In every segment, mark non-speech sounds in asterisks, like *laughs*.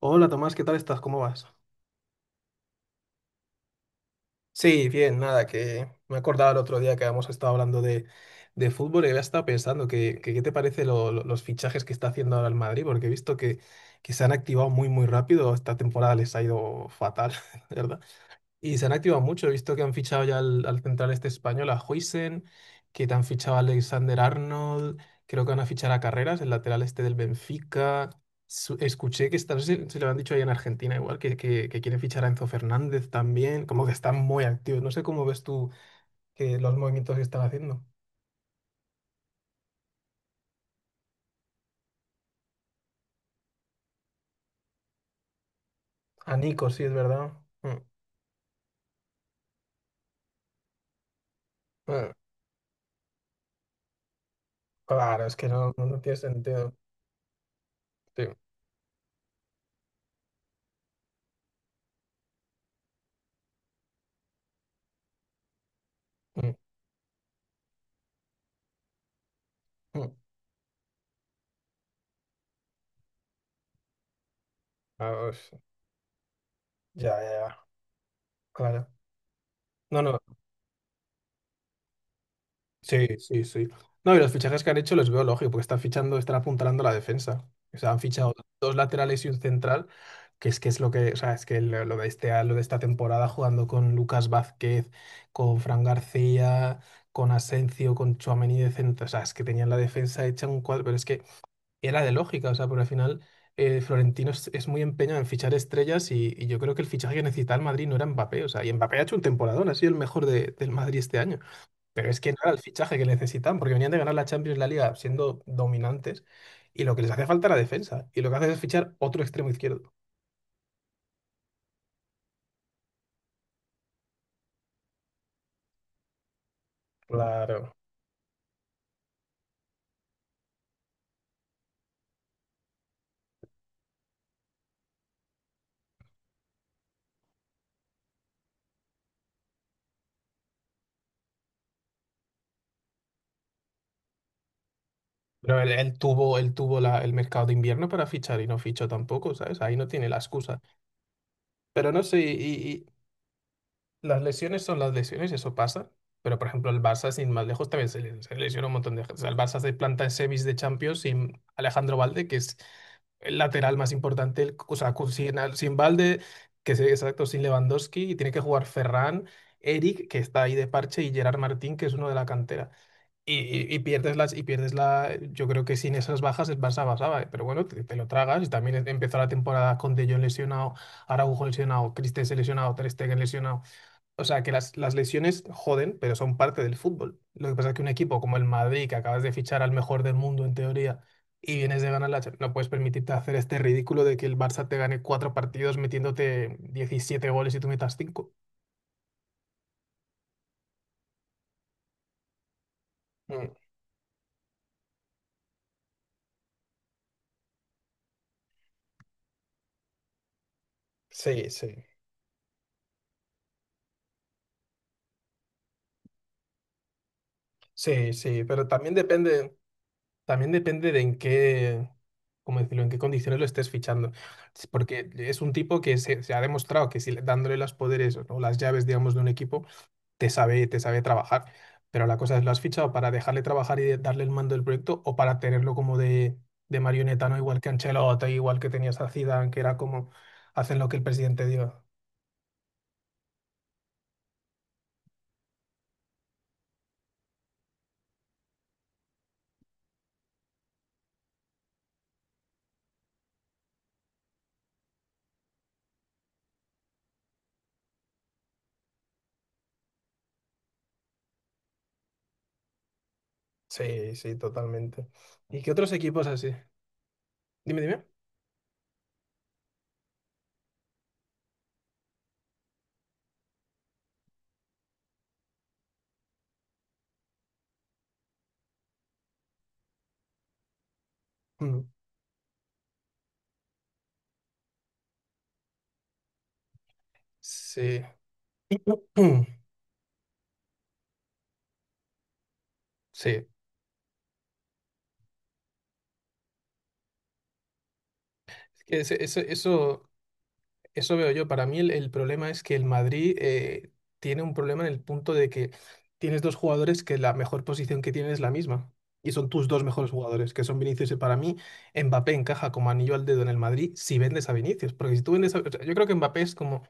Hola Tomás, ¿qué tal estás? ¿Cómo vas? Sí, bien, nada, que me acordaba el otro día que habíamos estado hablando de fútbol y había estado pensando que qué te parece los fichajes que está haciendo ahora el Madrid, porque he visto que se han activado muy, muy rápido. Esta temporada les ha ido fatal, *laughs* ¿verdad? Y se han activado mucho. He visto que han fichado ya al central este español, a Huijsen, que te han fichado a Alexander Arnold. Creo que van a fichar a Carreras, el lateral este del Benfica. Escuché que está, no sé si lo han dicho ahí en Argentina, igual, que quieren fichar a Enzo Fernández también. Como que están muy activos. No sé cómo ves tú que los movimientos que están haciendo. A Nico, sí, es verdad. Mm. mm. Claro, es que no tiene sentido. Sí. Mm, mm. Ah, pues, ya, ya, ya. Claro. No, no. Sí, sí, sí. No, y los fichajes que han hecho los veo lógico, porque están fichando, están apuntalando la defensa. O sea, han fichado dos laterales y un central, que es lo que, o sea, es que lo de este, lo de esta temporada jugando con Lucas Vázquez, con Fran García, con Asencio, con Tchouaméni de centro, o sea, es que tenían la defensa hecha un cuadro, pero es que era de lógica. O sea, porque al final Florentino es muy empeñado en fichar estrellas y yo creo que el fichaje que necesitaba el Madrid no era Mbappé, o sea, y Mbappé ha hecho un temporadón, ha sido el mejor del Madrid este año. Pero es que no era el fichaje que necesitaban, porque venían de ganar la Champions y la Liga siendo dominantes, y lo que les hace falta era defensa, y lo que hace es fichar otro extremo izquierdo. Claro. Pero él tuvo el mercado de invierno para fichar y no fichó tampoco, ¿sabes? Ahí no tiene la excusa. Pero no sé, y, las lesiones son las lesiones, eso pasa. Pero, por ejemplo, el Barça, sin más lejos, también se lesionó un montón de gente. O sea, el Barça se planta en semis de Champions sin Alejandro Valde, que es el lateral más importante. O sea, sin Valde, que es exacto, sin Lewandowski, y tiene que jugar Ferran, Eric, que está ahí de parche, y Gerard Martín, que es uno de la cantera. Y pierdes y pierdes la. Yo creo que sin esas bajas el Barça pasaba, ¿eh? Pero bueno, te lo tragas. Y también empezó la temporada con De Jong lesionado. Araujo lesionado, Christensen lesionado, Ter Stegen lesionado. O sea, que las lesiones joden, pero son parte del fútbol. Lo que pasa es que un equipo como el Madrid, que acabas de fichar al mejor del mundo en teoría, y vienes de ganar la Champions, no puedes permitirte hacer este ridículo de que el Barça te gane cuatro partidos metiéndote 17 goles y tú metas cinco. Mm. Sí, sí, sí, pero también depende de en qué, cómo decirlo, en qué condiciones lo estés fichando. Es porque es un tipo que se ha demostrado que si le- dándole los poderes o las llaves, digamos, de un equipo te sabe trabajar. Pero la cosa es, ¿lo has fichado para dejarle trabajar y darle el mando del proyecto o para tenerlo como de marioneta, ¿no? Igual que Ancelotti, igual que tenías a Zidane, que era como hacen lo que el presidente diga. Sí, sí, totalmente. ¿Y qué otros equipos así? Dime, dime. Mm. Sí. *clears throat* Sí, es que eso, eso veo yo. Para mí el problema es que el Madrid tiene un problema en el punto de que tienes dos jugadores que la mejor posición que tienen es la misma. Y son tus dos mejores jugadores, que son Vinicius y para mí Mbappé encaja como anillo al dedo en el Madrid si vendes a Vinicius. Porque si tú vendes a... o sea, yo creo que Mbappé es como...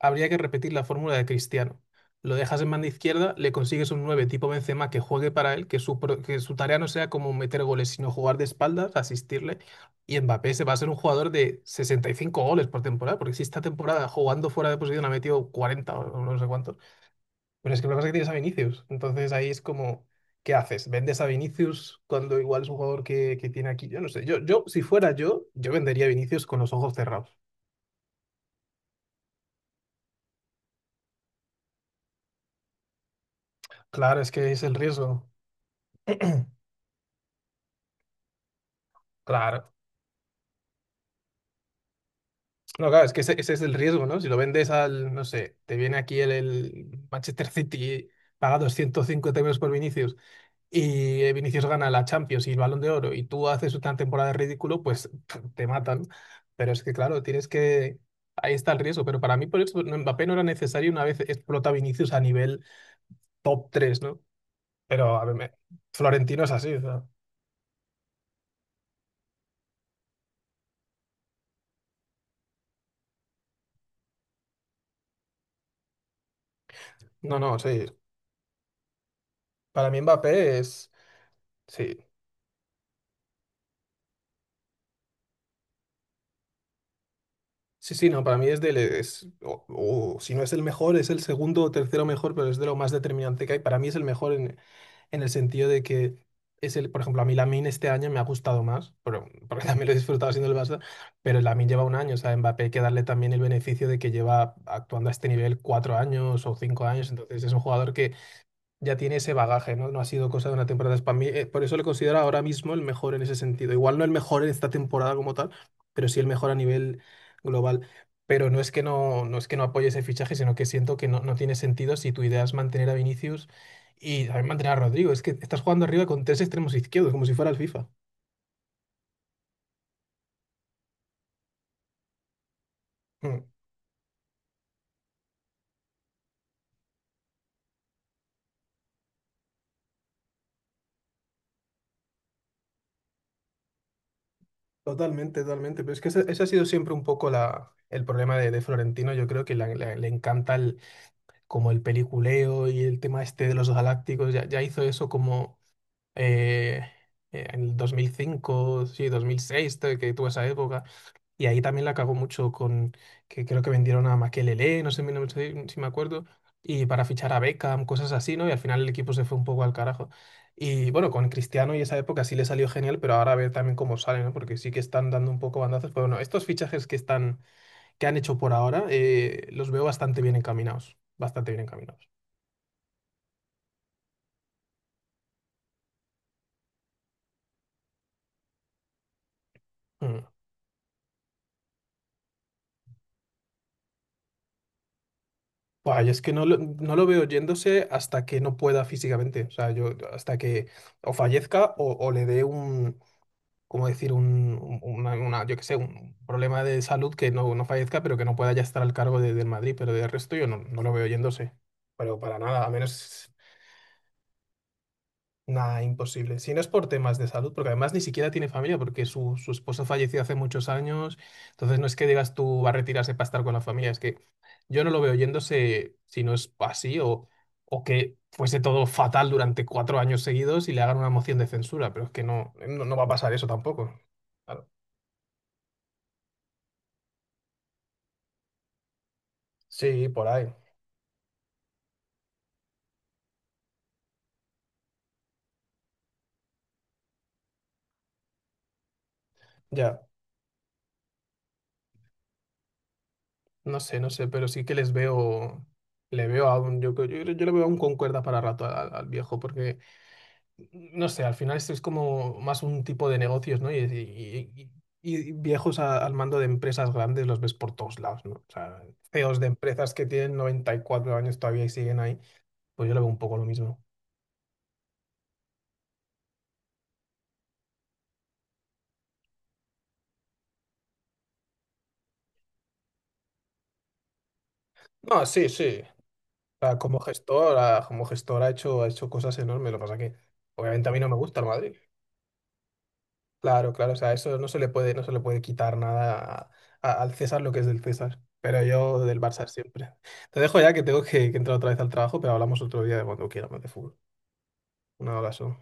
Habría que repetir la fórmula de Cristiano. Lo dejas en banda izquierda, le consigues un 9 tipo Benzema que juegue para él, que que su tarea no sea como meter goles, sino jugar de espaldas, asistirle, y Mbappé se va a ser un jugador de 65 goles por temporada, porque si esta temporada jugando fuera de posición ha metido 40 o no sé cuántos. Pero es que lo que pasa es que tienes a Vinicius. Entonces ahí es como, ¿qué haces? ¿Vendes a Vinicius cuando igual es un jugador que tiene aquí? Yo no sé. Si fuera yo, yo vendería a Vinicius con los ojos cerrados. Claro, es que es el riesgo. Claro. No, claro, es que ese es el riesgo, ¿no? Si lo vendes al, no sé, te viene aquí el Manchester City, paga 250 euros por Vinicius y Vinicius gana la Champions y el Balón de Oro y tú haces una temporada de ridículo, pues *laughs* te matan. Pero es que, claro, tienes que... Ahí está el riesgo, pero para mí por eso Mbappé no era necesario una vez explota Vinicius a nivel top tres, ¿no? Pero a ver, me- Florentino es así, o sea, no, no, sí. Para mí Mbappé es... Sí, sí, sí, no, para mí es del... Es... o si no es el mejor, es el segundo o tercero mejor, pero es de lo más determinante que hay. Para mí es el mejor en el sentido de que es el, por ejemplo, a mí Lamine este año me ha gustado más, pero, *laughs* porque también lo he disfrutado siendo el Barça, pero Lamine lleva un año. O sea, a Mbappé hay que darle también el beneficio de que lleva actuando a este nivel 4 años o 5 años, entonces es un jugador que ya tiene ese bagaje, ¿no? No ha sido cosa de una temporada. Es para mí, por eso le considero ahora mismo el mejor en ese sentido. Igual no el mejor en esta temporada como tal, pero sí el mejor a nivel global. Pero no es que no es que no apoye ese fichaje, sino que siento que no, no tiene sentido si tu idea es mantener a Vinicius y también mantener a Rodrigo. Es que estás jugando arriba con tres extremos izquierdos, como si fuera el FIFA. Mm. Totalmente, totalmente. Pero es que ese ha sido siempre un poco el problema de Florentino. Yo creo que le encanta como el peliculeo y el tema este de los galácticos. Ya, ya hizo eso como eh, en el 2005, sí, 2006, te- que tuvo esa época. Y ahí también la cagó mucho con que creo que vendieron a Makelele, no sé, no sé si me acuerdo, y para fichar a Beckham, cosas así, ¿no? Y al final el equipo se fue un poco al carajo. Y bueno, con Cristiano y esa época sí le salió genial, pero ahora a ver también cómo sale, ¿no? Porque sí que están dando un poco bandazos. Pero bueno, estos fichajes que están, que han hecho por ahora, los veo bastante bien encaminados. Bastante bien encaminados. Mm. Buah, yo es que no no lo veo yéndose hasta que no pueda físicamente. O sea, yo hasta que o fallezca o le dé un, ¿cómo decir? Yo qué sé, un problema de salud que no, no fallezca, pero que no pueda ya estar al cargo del Madrid. Pero de resto yo no, no lo veo yéndose. Pero para nada, a menos. Nada, imposible. Si no es por temas de salud, porque además ni siquiera tiene familia, porque su esposa falleció hace muchos años. Entonces no es que digas tú va a retirarse para estar con la familia, es que yo no lo veo yéndose si no es así o que fuese todo fatal durante 4 años seguidos y le hagan una moción de censura, pero es que no, no, no va a pasar eso tampoco. Claro. Sí, por ahí. Ya, no sé, no sé, pero sí que les veo, le veo a un, yo le veo aún con cuerda para rato al, al viejo, porque... no sé, al final esto es como más un tipo de negocios, ¿no? Y viejos al mando de empresas grandes los ves por todos lados, ¿no? O sea, CEOs de empresas que tienen 94 años todavía y siguen ahí, pues yo lo veo un poco lo mismo. No, sí, sí. O sea, como gestor, ah, como gestor ha hecho cosas enormes. Lo que pasa que, obviamente, a mí no me gusta el Madrid. Claro, claro, o sea, eso no se le puede, no se le puede quitar nada al César lo que es del César, pero yo del Barça siempre. Te dejo ya que tengo que entrar otra vez al trabajo, pero hablamos otro día de cuando quieramos de fútbol. Un abrazo.